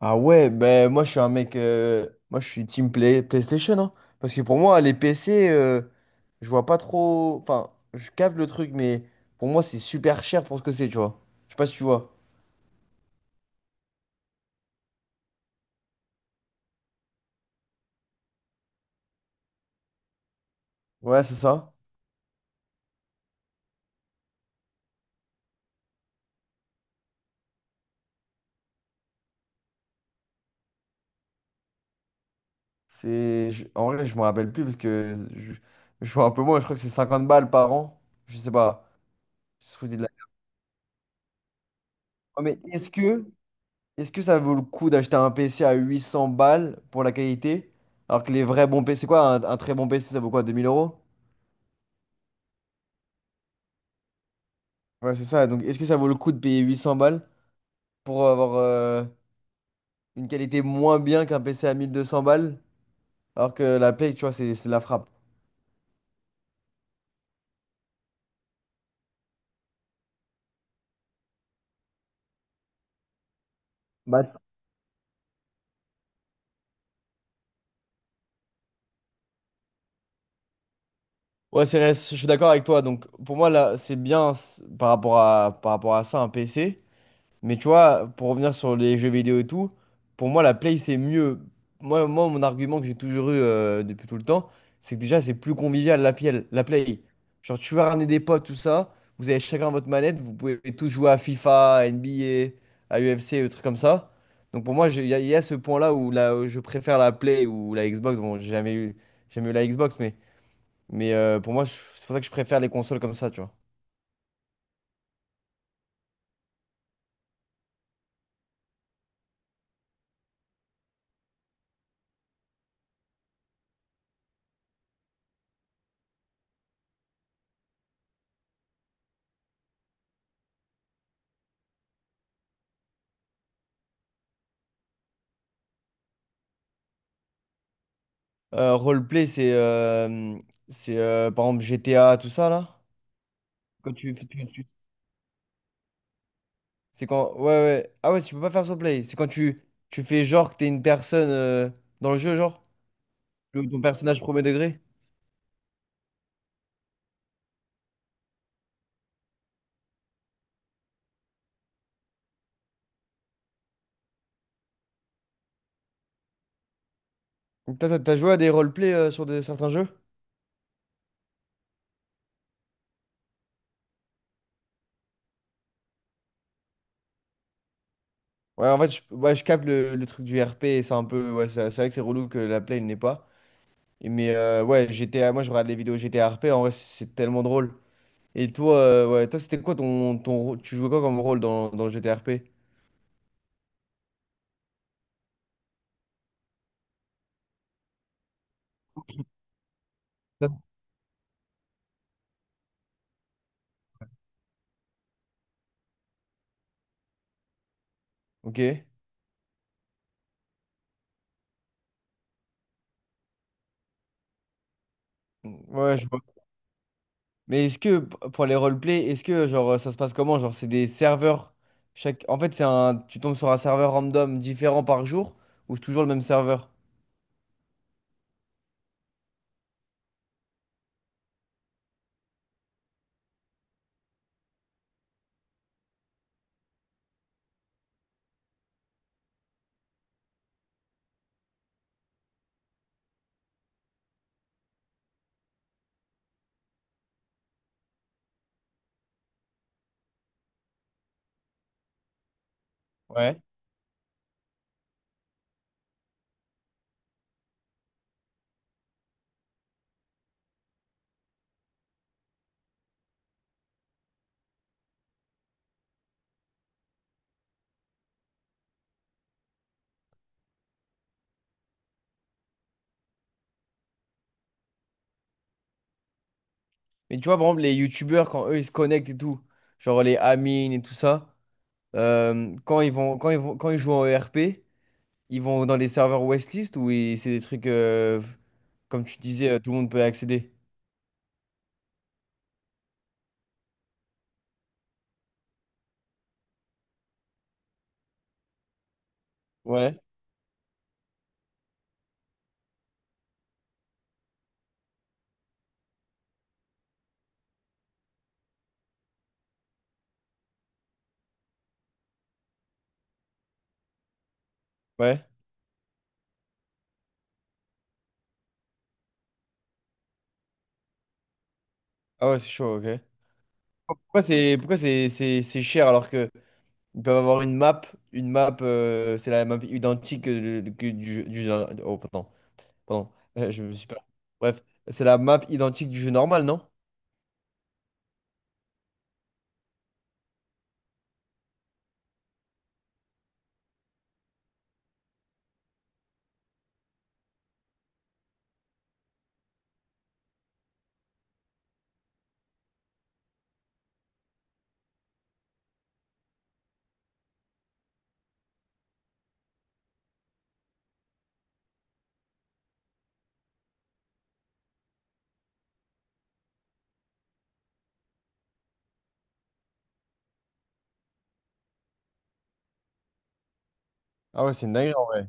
Ah ouais, ben moi je suis un mec, moi je suis team play, PlayStation, hein. Parce que pour moi les PC, je vois pas trop, enfin je capte le truc, mais pour moi c'est super cher pour ce que c'est, tu vois. Je sais pas si tu vois. Ouais, c'est ça. En vrai je me rappelle plus parce que je vois un peu moins, je crois que c'est 50 balles par an, je sais pas. Je se foutais de la. Ouais, mais est-ce que ça vaut le coup d'acheter un PC à 800 balles pour la qualité, alors que les vrais bons PC, c'est quoi un très bon PC, ça vaut quoi, 2000 euros? Ouais, c'est ça. Donc, est-ce que ça vaut le coup de payer 800 balles pour avoir une qualité moins bien qu'un PC à 1200 balles, alors que la Play, tu vois, c'est la frappe. Bah, ouais, c'est vrai, je suis d'accord avec toi. Donc, pour moi, là, c'est bien par rapport à ça, un PC. Mais tu vois, pour revenir sur les jeux vidéo et tout, pour moi, la Play, c'est mieux. Moi, mon argument que j'ai toujours eu depuis tout le temps, c'est que déjà, c'est plus convivial la Play. Genre, tu vas ramener des potes, tout ça, vous avez chacun votre manette, vous pouvez tous jouer à FIFA, à NBA, à UFC, des trucs comme ça. Donc, pour moi, il y a ce point-là où, où je préfère la Play ou la Xbox. Bon, j'ai jamais eu la Xbox, mais pour moi, c'est pour ça que je préfère les consoles comme ça, tu vois. Roleplay, c'est par exemple GTA, tout ça là. Quand tu- tu- C'est quand, ouais ouais, ah ouais, tu peux pas faire roleplay. C'est quand tu fais genre que t'es une personne dans le jeu, genre. Ton personnage premier degré. Donc t'as joué à des roleplay sur certains jeux? Ouais, en fait ouais, je capte le truc du RP, et c'est un peu, ouais, c'est vrai que c'est relou que la play n'est pas. Et mais ouais, GTA, moi je regarde les vidéos GTA RP, en vrai c'est tellement drôle. Et toi, ouais, toi c'était quoi tu jouais quoi comme rôle dans le GTA RP? Ça. Ok. Ouais, je vois. Mais est-ce que pour les roleplay, est-ce que, genre, ça se passe comment? Genre c'est des serveurs, chaque en fait c'est un, tu tombes sur un serveur random différent par jour, ou c'est toujours le même serveur? Ouais. Mais tu vois par exemple les youtubeurs, quand eux ils se connectent et tout, genre les Amine et tout ça, quand ils jouent en ERP, ils vont dans des serveurs Westlist, ou c'est des trucs, comme tu disais, tout le monde peut accéder. Ouais. Ouais. Ah ouais, c'est chaud, OK. Pourquoi c'est cher, alors que ils peuvent avoir une map, c'est la map identique que du jeu. Oh, pardon, pardon, je me suis pas. Bref, c'est la map identique du jeu normal, non? Ah ouais, c'est une dinguerie en vrai.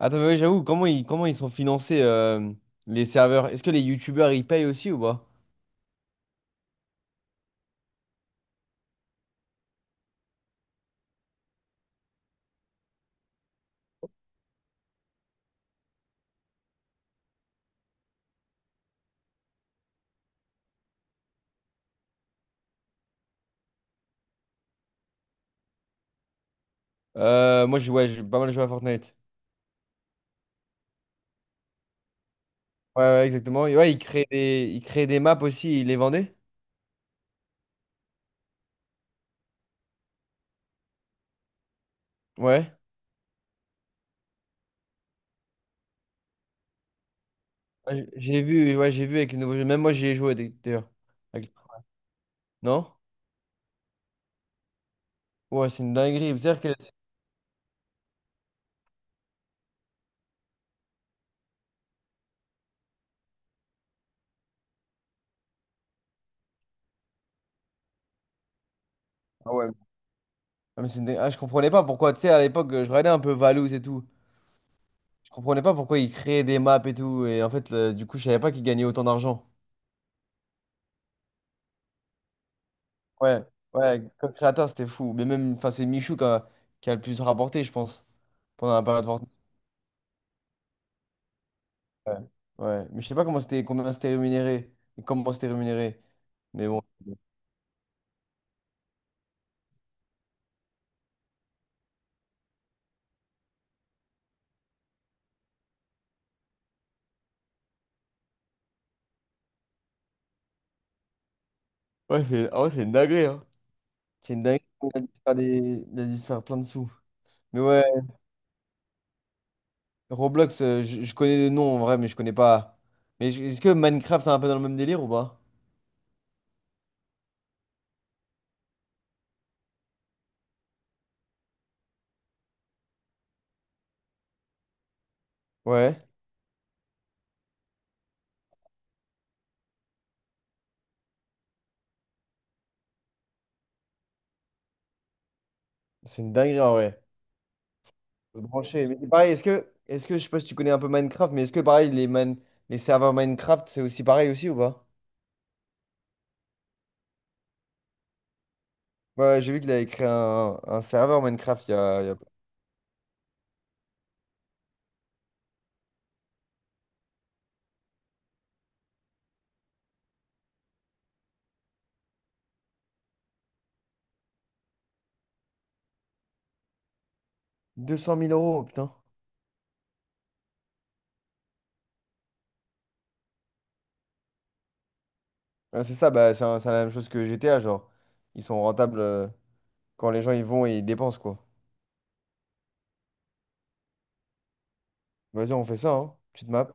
Attends, mais ouais, j'avoue, comment ils sont financés, les serveurs? Est-ce que les youtubeurs, ils payent aussi ou pas? Moi, ouais, j'ai pas mal joué à Fortnite. Ouais, ouais, exactement. Et ouais, ils créent des, ils créaient des maps aussi, ils les vendaient. Ouais. Ouais, j'ai vu, ouais, j'ai vu avec les nouveaux jeux. Même moi, j'y ai joué d'ailleurs. Avec- Non? Ouais, c'est une dinguerie. C'est-à-dire que. Ah ouais, ah, mais c'est une dé- ah, je comprenais pas pourquoi, tu sais, à l'époque, je regardais un peu Valouz et tout. Je comprenais pas pourquoi ils créaient des maps et tout. Et en fait, du coup, je savais pas qu'ils gagnaient autant d'argent. Ouais, ouais, comme créateur, c'était fou. Mais même, enfin, c'est Michou qui a le plus rapporté, je pense, pendant la période Fortnite. Ouais, ouais. Mais je sais pas comment c'était, combien c'était rémunéré. Et comment c'était rémunéré. Mais bon. Ouais, c'est, ah ouais, c'est une dinguerie, hein. C'est une dinguerie. Il a dû se faire plein de sous. Mais ouais, Roblox, je connais des noms en vrai, mais je connais pas. Mais est-ce que Minecraft, c'est un peu dans le même délire ou pas? Ouais, c'est une dinguerie en vrai. Faut se brancher. Mais c'est pareil, est-ce que, je sais pas si tu connais un peu Minecraft, mais est-ce que pareil, les serveurs Minecraft, c'est aussi pareil aussi ou pas? Ouais, ouais, j'ai vu qu'il avait créé un serveur Minecraft il y a 200 000 euros, putain. Ouais, c'est ça, bah, c'est la même chose que GTA, genre. Ils sont rentables quand les gens ils vont et ils dépensent, quoi. Vas-y, on fait ça, hein. Petite map.